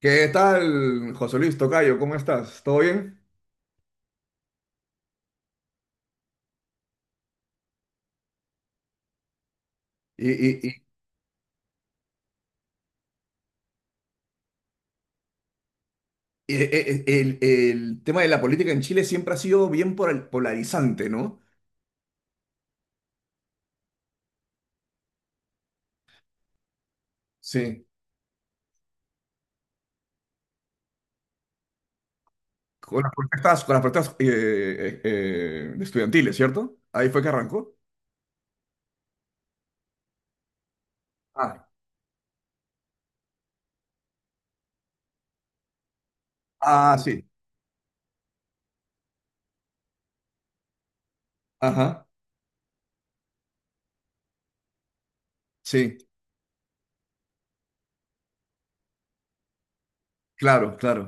¿Qué tal, José Luis Tocayo? ¿Cómo estás? ¿Todo bien? Y, y- y- el tema de la política en Chile siempre ha sido bien polarizante, ¿no? Sí. Con las protestas estudiantiles, ¿cierto? Ahí fue que arrancó. Ah, ah, sí. Ajá. Sí. Claro, claro,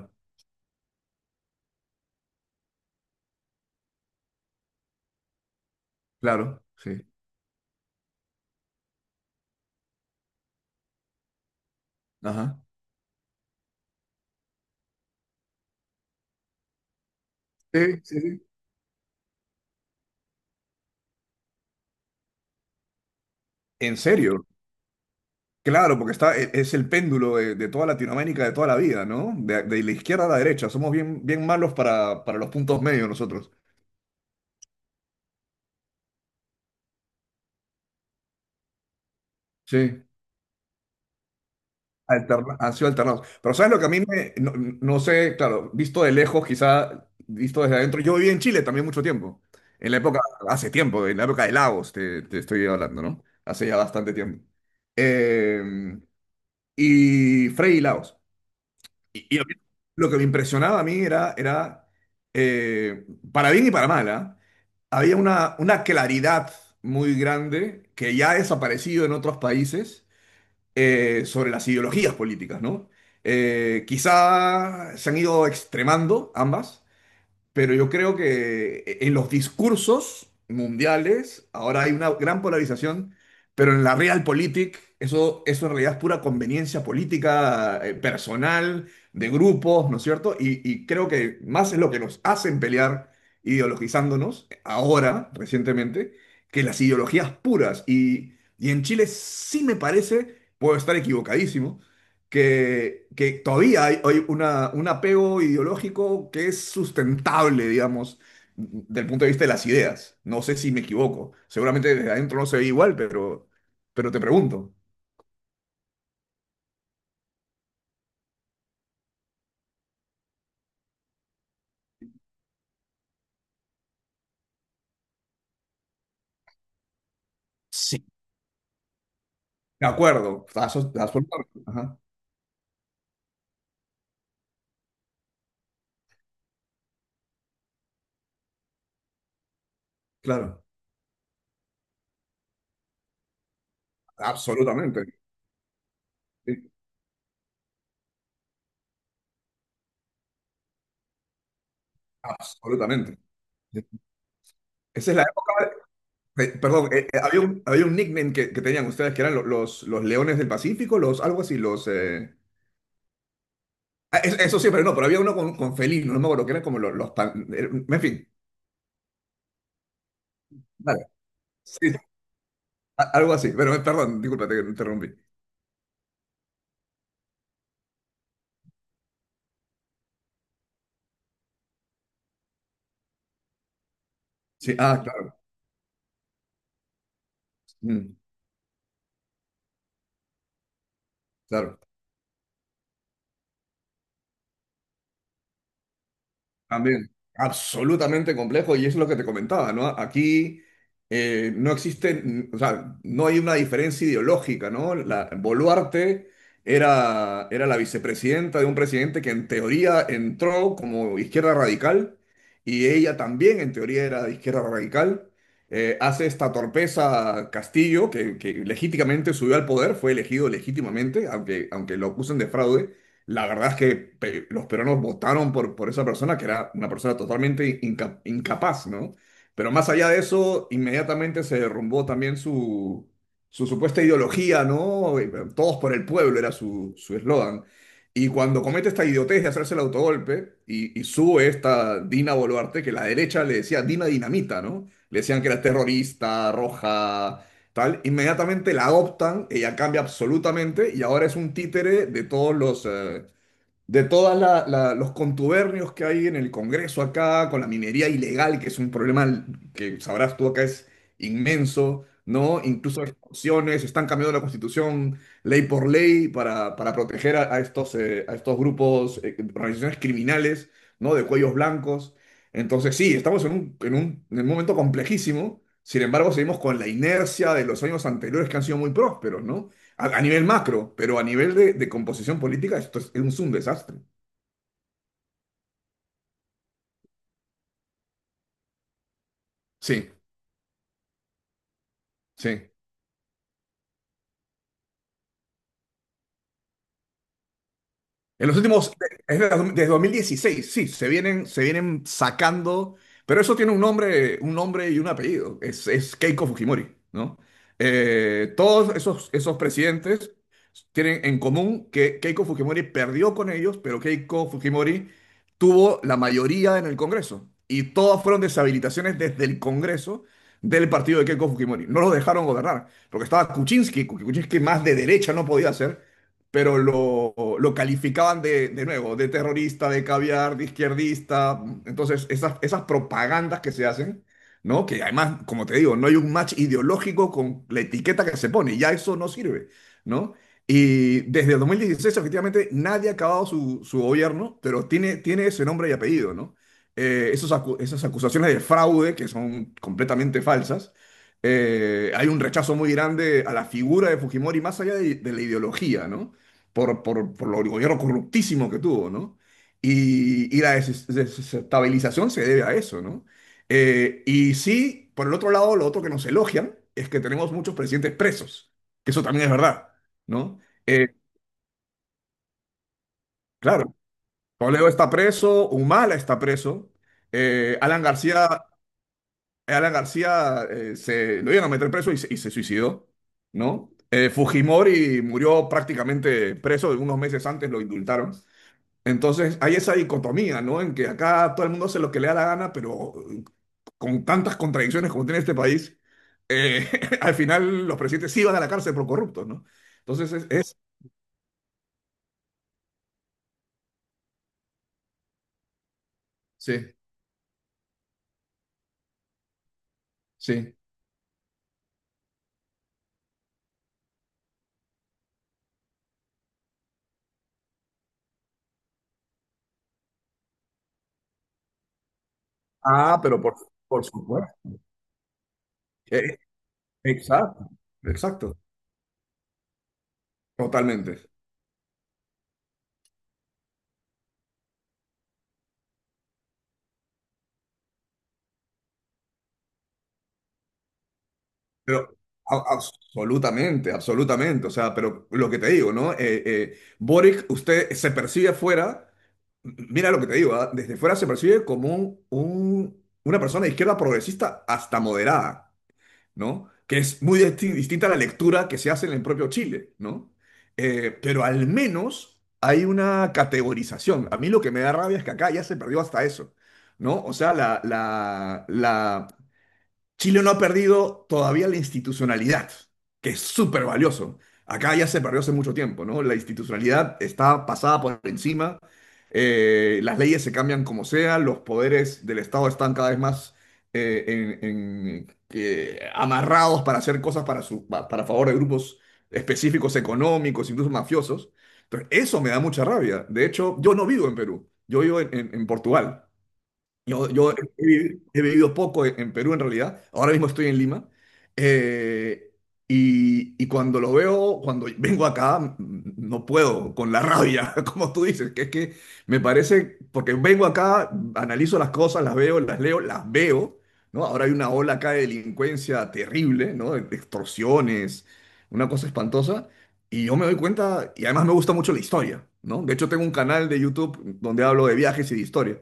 claro. Sí. Ajá. Sí, sí, sí. ¿En serio? Claro, porque es el péndulo de toda Latinoamérica de toda la vida, ¿no? De la izquierda a la derecha. Somos bien, bien malos para los puntos medios nosotros. Sí. Han sido alternados. Pero ¿sabes lo que a mí me... No, no sé, claro, visto de lejos, quizá visto desde adentro. Yo viví en Chile también mucho tiempo. En la época, hace tiempo, en la época de Lagos, te estoy hablando, ¿no? Hace ya bastante tiempo. Eh, y Frei y Lagos. Y a mí lo que me impresionaba a mí era, era eh, para bien y para mal, ¿ah? Había una claridad muy grande que ya ha desaparecido en otros países sobre las ideologías políticas, ¿no? Quizá se han ido extremando ambas, pero yo creo que en los discursos mundiales ahora hay una gran polarización, pero en la realpolitik eso, eso en realidad es pura conveniencia política, personal, de grupos, ¿no es cierto? Y creo que más es lo que nos hacen pelear ideologizándonos ahora, recientemente, que las ideologías puras. Y en Chile sí me parece, puedo estar equivocadísimo, que todavía hay, hay una, un apego ideológico que es sustentable, digamos, del punto de vista de las ideas. No sé si me equivoco. Seguramente desde adentro no se ve igual, pero te pregunto. Sí. De acuerdo, absolutamente. Ajá, claro, absolutamente. Sí, absolutamente. Esa es la época, perdón, había un nickname que tenían ustedes que eran los leones del Pacífico, los, algo así, los... Eso sí, pero no, pero había uno con felino, no me acuerdo, que eran como los, los pan... En fin, vale. Sí, algo así, pero perdón, disculpa, te interrumpí. Sí, ah, claro. Mm, claro. También, absolutamente complejo y es lo que te comentaba, ¿no? Aquí no existe, mm, o sea, no hay una diferencia ideológica, ¿no? La, Boluarte era, era la vicepresidenta de un presidente que en teoría entró como izquierda radical y ella también en teoría era de izquierda radical. Hace esta torpeza Castillo, que legítimamente subió al poder, fue elegido legítimamente, aunque, aunque lo acusen de fraude, la verdad es que los peruanos votaron por esa persona, que era una persona totalmente incapaz, ¿no? Pero más allá de eso, inmediatamente se derrumbó también su supuesta ideología, ¿no? Todos por el pueblo era su su eslogan. Y cuando comete esta idiotez de hacerse el autogolpe y sube esta Dina Boluarte, que la derecha le decía Dina Dinamita, ¿no? Le decían que era terrorista, roja, tal, inmediatamente la adoptan, ella cambia absolutamente y ahora es un títere de todos de todos los contubernios que hay en el Congreso acá, con la minería ilegal, que es un problema que sabrás tú acá es inmenso, ¿no? Incluso expulsiones, están cambiando la constitución ley por ley para proteger a estos grupos, organizaciones criminales, ¿no? De cuellos blancos. Entonces, sí, estamos en un, en un, en un momento complejísimo. Sin embargo, seguimos con la inercia de los años anteriores que han sido muy prósperos, ¿no? A nivel macro, pero a nivel de composición política, esto es un desastre. Sí, sí. En los últimos, desde 2016, sí, se vienen sacando, pero eso tiene un nombre y un apellido, es Keiko Fujimori, ¿no? Todos esos, esos presidentes tienen en común que Keiko Fujimori perdió con ellos, pero Keiko Fujimori tuvo la mayoría en el Congreso y todas fueron deshabilitaciones desde el Congreso del partido de Keiko Fujimori. No los dejaron gobernar, porque estaba Kuczynski, que Kuczynski más de derecha no podía hacer, pero lo calificaban de nuevo, de terrorista, de caviar, de izquierdista. Entonces, esas, esas propagandas que se hacen, ¿no? Que además, como te digo, no hay un match ideológico con la etiqueta que se pone, ya eso no sirve, ¿no? Y desde el 2016, efectivamente, nadie ha acabado su, su gobierno, pero tiene, tiene ese nombre y apellido, ¿no? Esas acusaciones de fraude, que son completamente falsas, hay un rechazo muy grande a la figura de Fujimori, más allá de la ideología, ¿no? Por, por lo gobierno corruptísimo que tuvo, ¿no? Y, desestabilización se debe a eso, ¿no? Y sí, por el otro lado, lo otro que nos elogian es que tenemos muchos presidentes presos, que eso también es verdad, ¿no? Eh, claro, Toledo está preso, Humala está preso, Alan García, Alan García se, lo iban a meter preso y se suicidó, ¿no? Fujimori murió prácticamente preso, unos meses antes lo indultaron. Entonces hay esa dicotomía, ¿no? En que acá todo el mundo hace lo que le da la gana, pero con tantas contradicciones como tiene este país, eh, al final los presidentes sí van a la cárcel por corruptos, ¿no? Entonces es- Sí, sí. Ah, pero por supuesto. Eh, exacto, exacto, totalmente. Pero absolutamente, absolutamente. O sea, pero lo que te digo, ¿no? Boric, usted se percibe afuera, mira lo que te digo, ¿ah? Desde fuera se percibe como un, una persona de izquierda progresista hasta moderada, ¿no? Que es muy distinta a la lectura que se hace en el propio Chile, ¿no? Pero al menos hay una categorización. A mí lo que me da rabia es que acá ya se perdió hasta eso, ¿no? O sea, la Chile no ha perdido todavía la institucionalidad, que es súper valioso. Acá ya se perdió hace mucho tiempo, ¿no? La institucionalidad está pasada por encima, las leyes se cambian como sea, los poderes del Estado están cada vez más eh, amarrados para hacer cosas para, para favor de grupos específicos económicos, incluso mafiosos. Entonces, eso me da mucha rabia. De hecho, yo no vivo en Perú, yo vivo en Portugal. Yo, yo he, He vivido poco en Perú en realidad, ahora mismo estoy en Lima, eh, y cuando lo veo, cuando vengo acá, mm, no puedo, con la rabia, como tú dices, que es que me parece, porque vengo acá, analizo las cosas, las veo, las leo, las veo, ¿no? Ahora hay una ola acá de delincuencia terrible, ¿no? De extorsiones, una cosa espantosa, y yo me doy cuenta, y además me gusta mucho la historia, ¿no? De hecho tengo un canal de YouTube donde hablo de viajes y de historia.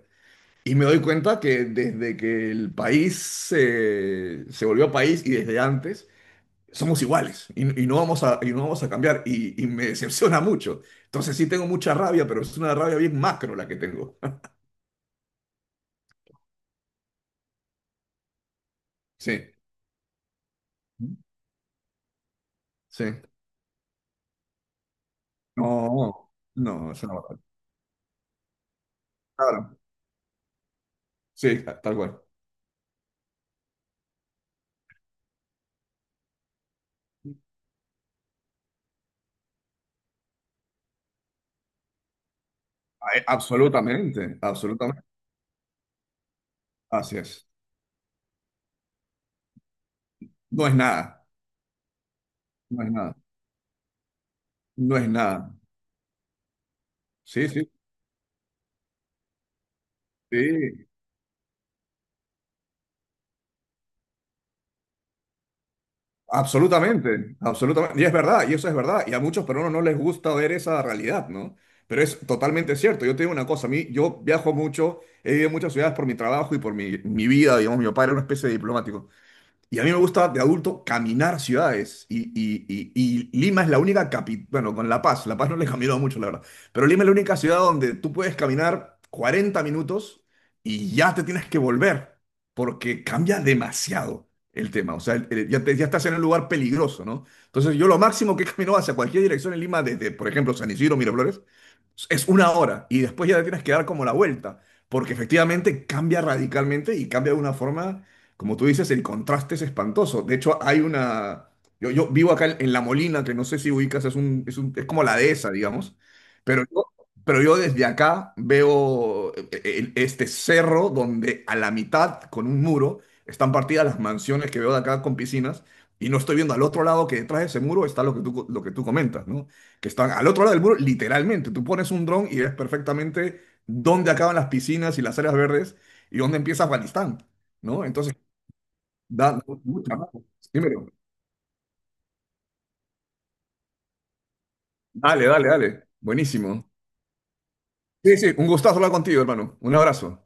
Y me doy cuenta que desde que el país se, se volvió país y desde antes, somos iguales y no vamos a, y no vamos a cambiar y me decepciona mucho. Entonces sí tengo mucha rabia, pero es una rabia bien macro la que tengo. Sí, sí. No, no, es una Claro, sí, tal cual. Ay, absolutamente, absolutamente. Así es. No es nada, no es nada, no es nada. Sí, sí, sí. Absolutamente, absolutamente. Y es verdad, y eso es verdad. Y a muchos peruanos no les gusta ver esa realidad, ¿no? Pero es totalmente cierto. Yo te digo una cosa, a mí, yo viajo mucho, he vivido en muchas ciudades por mi trabajo y por mi, mi vida, digamos, mi papá era una especie de diplomático. Y a mí me gusta de adulto caminar ciudades. Y Lima es la única capital, bueno, con La Paz, La Paz no le he caminado mucho, la verdad. Pero Lima es la única ciudad donde tú puedes caminar 40 minutos y ya te tienes que volver, porque cambia demasiado el tema. O sea, ya, ya estás en un lugar peligroso, ¿no? Entonces yo lo máximo que he caminado hacia cualquier dirección en Lima, desde, por ejemplo, San Isidro, Miraflores, es una hora y después ya te tienes que dar como la vuelta, porque efectivamente cambia radicalmente y cambia de una forma como tú dices, el contraste es espantoso. De hecho, hay una... Yo vivo acá en La Molina, que no sé si ubicas, es un, es como la dehesa, digamos. Pero yo, pero yo desde acá veo este cerro donde a la mitad, con un muro, están partidas las mansiones que veo de acá con piscinas. Y no estoy viendo al otro lado que detrás de ese muro está lo que tú, lo que tú comentas, ¿no? Que están al otro lado del muro, literalmente. Tú pones un dron y ves perfectamente dónde acaban las piscinas y las áreas verdes y dónde empieza Afganistán, ¿no? Entonces, da mucho trabajo. Primero. Dale, dale, dale. Buenísimo. Sí, sí, un gustazo hablar contigo, hermano. Un abrazo.